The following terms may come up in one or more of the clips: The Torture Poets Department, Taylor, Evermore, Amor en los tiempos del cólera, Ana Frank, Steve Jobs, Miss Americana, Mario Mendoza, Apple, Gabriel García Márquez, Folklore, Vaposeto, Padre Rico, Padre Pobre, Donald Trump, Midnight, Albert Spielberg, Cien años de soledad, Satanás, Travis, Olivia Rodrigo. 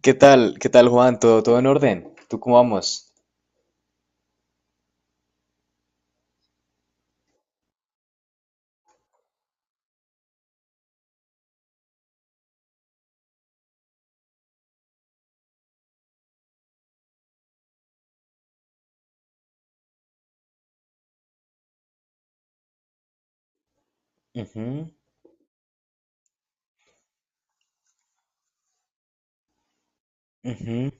¿Qué tal? ¿Qué tal, Juan? ¿Todo en orden? ¿Tú cómo vamos? Ujú, ujú.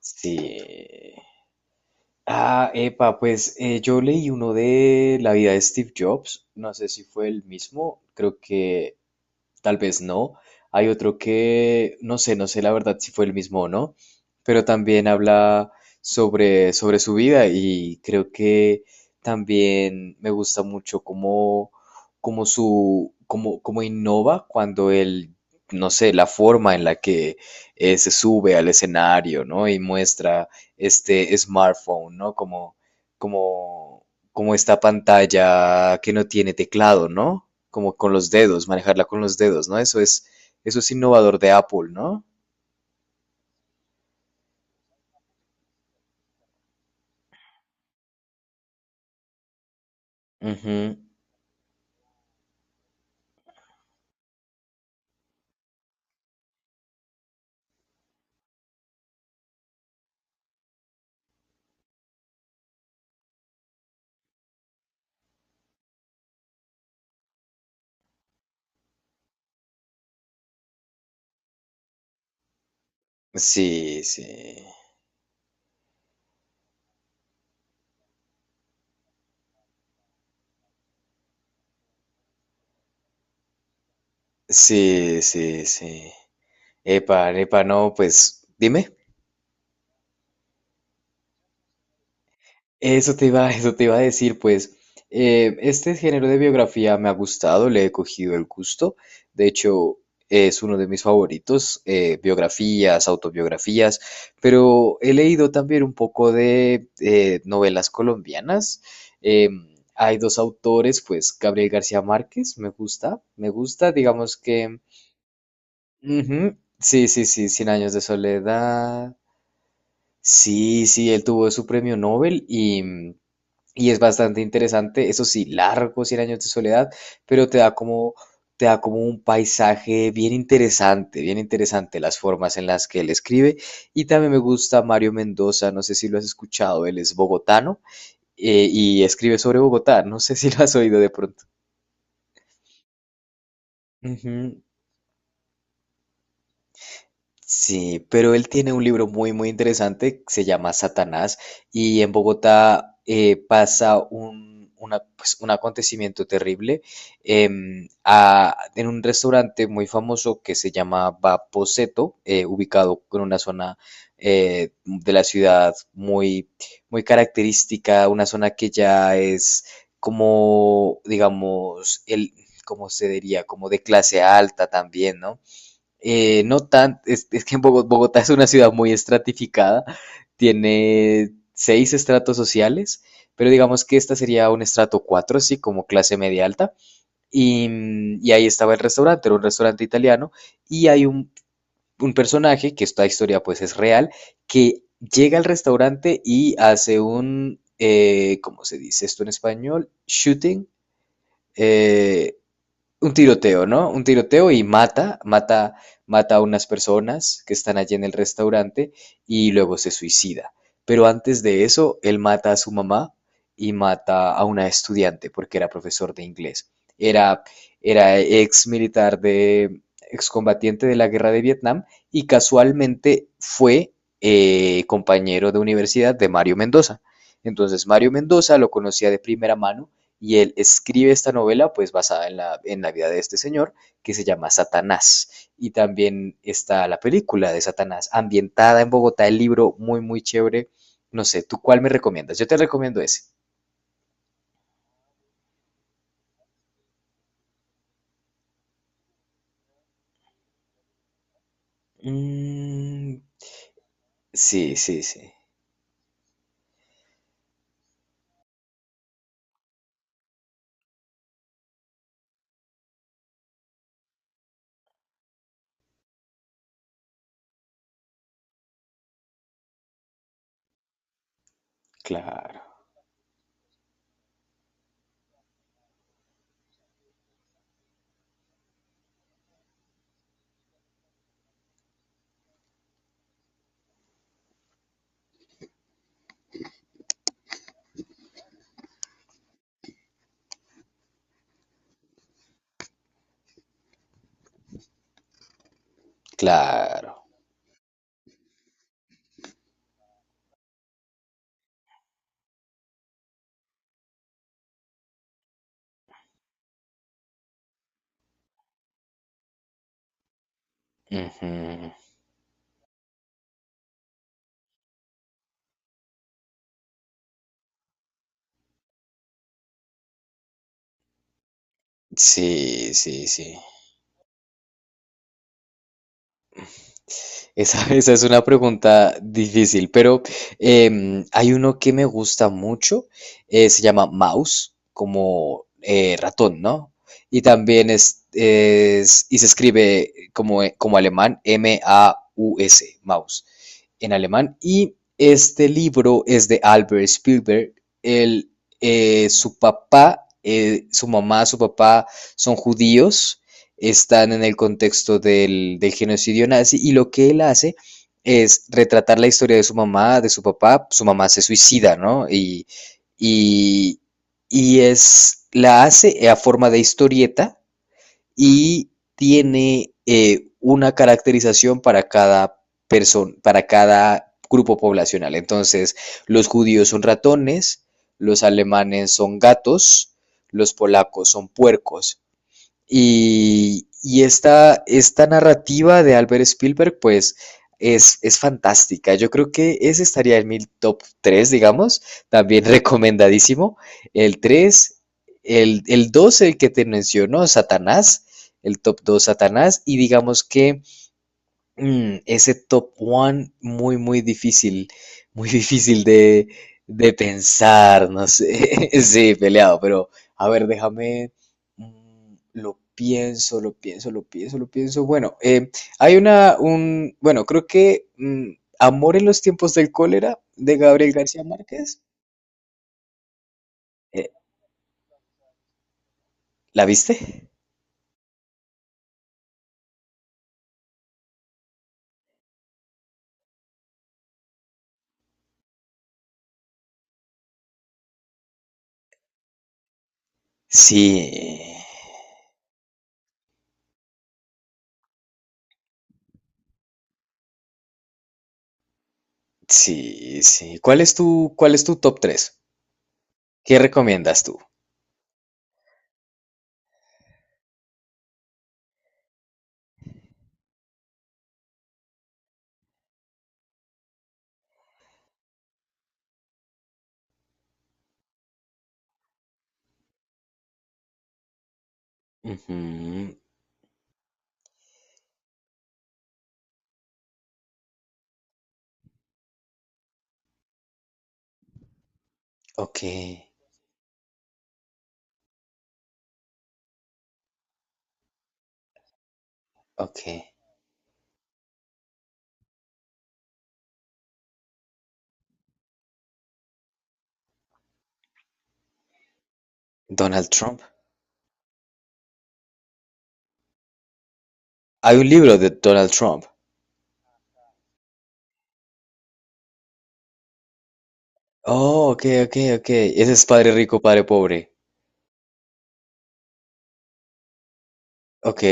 Sí. Ah, epa, pues yo leí uno de la vida de Steve Jobs, no sé si fue el mismo, creo que tal vez no. Hay otro que, no sé, no sé la verdad si fue el mismo o no, pero también habla sobre su vida y creo que también me gusta mucho cómo innova cuando él, no sé, la forma en la que se sube al escenario, ¿no? Y muestra este smartphone, ¿no? Como, como esta pantalla que no tiene teclado, ¿no? Como con los dedos, manejarla con los dedos, ¿no? Eso es innovador de Apple, ¿no? Ujú. Sí, sí. Sí, sí, sí. Epa, epa, no, pues dime. Eso te iba, eso te iba a decir, pues este género de biografía me ha gustado, le he cogido el gusto, de hecho es uno de mis favoritos, biografías, autobiografías, pero he leído también un poco de novelas colombianas. Em, hay dos autores, pues Gabriel García Márquez, me gusta, digamos que... Ujú. Sí, sí, sí, Cien años de soledad. Sí, sí, él tuvo su premio Nobel y es bastante interesante, eso sí, largo, cien años de soledad, pero te da como un paisaje bien interesante las formas en las que él escribe. Y también me gusta Mario Mendoza, no sé si lo has escuchado, él es bogotano y escribe sobre Bogotá, no sé si lo has oído de pronto. Ujú. Sí, pero él tiene un libro muy, muy interesante, se llama Satanás, y en Bogotá pasa pues, un acontecimiento terrible en un restaurante muy famoso que se llama Vaposeto, ubicado en una zona de la ciudad muy, muy característica, una zona que ya es como, digamos, el, cómo se diría, como de clase alta también, ¿no? No tan, es que en Bogotá es una ciudad muy estratificada, tiene seis estratos sociales, pero digamos que esta sería un estrato cuatro, así como clase media alta. Y, y ahí estaba el restaurante, era un restaurante italiano, y hay un personaje, que esta historia pues es real, que llega al restaurante y hace un, ¿cómo se dice esto en español? Shooting. eh, un tiroteo, ¿no? Un tiroteo y mata a unas personas que están allí en el restaurante y luego se suicida. Pero antes de eso, él mata a su mamá y mata a una estudiante porque era profesor de inglés. Era, era ex militar de, excombatiente de la guerra de Vietnam y casualmente fue compañero de universidad de Mario Mendoza. Entonces Mario Mendoza lo conocía de primera mano y él escribe esta novela, pues basada en la vida de este señor, que se llama Satanás. Y también está la película de Satanás, ambientada en Bogotá, el libro muy, muy chévere. No sé, ¿tú cuál me recomiendas? Yo te recomiendo ese. Mm, sí, sí, sí. Claro, claro. Ujú. Sí, sí, sí. Esa, esa es una pregunta difícil, pero hay uno que me gusta mucho, se llama mouse, como ratón, ¿no? Y también y se escribe como alemán, Maus, mouse, en alemán. Y este libro es de Albert Spielberg. Él, su papá, su mamá, su papá son judíos, están en el contexto del genocidio nazi y lo que él hace es retratar la historia de su mamá, de su papá, su mamá se suicida, ¿no? Y, y es, la hace a forma de historieta y tiene una caracterización para cada persona, para cada grupo poblacional. Entonces, los judíos son ratones, los alemanes son gatos, los polacos son puercos, y esta narrativa de Albert Spielberg, pues es fantástica. Yo creo que ese estaría en mi top 3, digamos, también recomendadísimo. El tres, el dos, el que te mencionó, Satanás, el top 2 Satanás, y digamos que ese top one muy, muy difícil, muy difícil de pensar, no sé, sí, peleado, pero a ver, déjame, lo pienso, lo pienso, lo pienso, lo pienso. Bueno, hay una, un, bueno, creo que Amor en los tiempos del cólera de Gabriel García Márquez, eh, ¿la viste? Sí, sí, sí. Cuál es tu top 3? ¿Qué recomiendas tú? Ujú, ok. Okay. Donald Trump. Hay un libro de Donald Trump. Oh, ok, ok, ok. Ese es Padre Rico, Padre Pobre. Ok,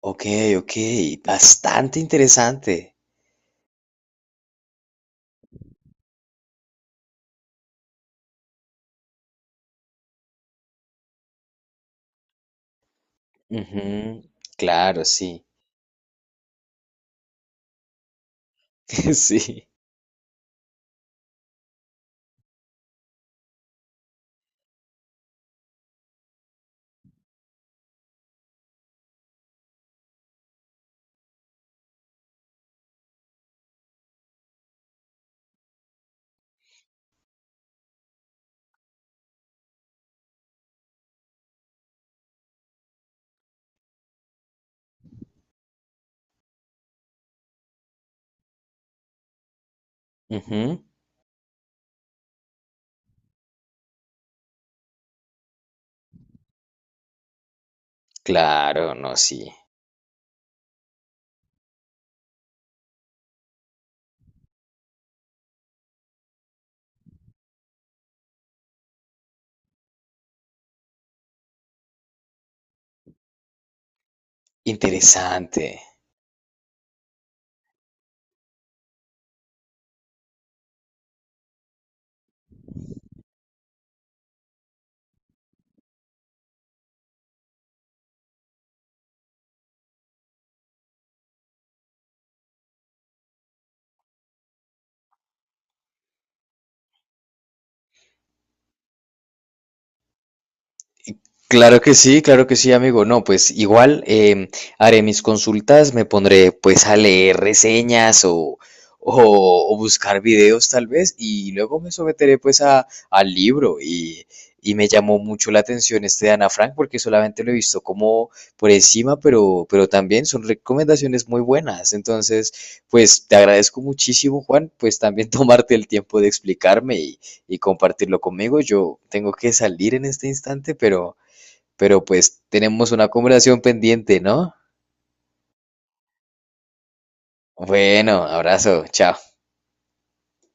ok, ok. Bastante interesante. Ujú, claro, sí. Sí. Ujú, claro, no, sí. Interesante. Claro que sí, amigo. No, pues igual haré mis consultas, me pondré pues a leer reseñas o, o buscar videos tal vez y luego me someteré pues al libro y me llamó mucho la atención este de Ana Frank porque solamente lo he visto como por encima, pero también son recomendaciones muy buenas. Entonces, pues te agradezco muchísimo, Juan, pues también tomarte el tiempo de explicarme y compartirlo conmigo. Yo tengo que salir en este instante, pero pues tenemos una conversación pendiente, ¿no? Bueno, abrazo, chao.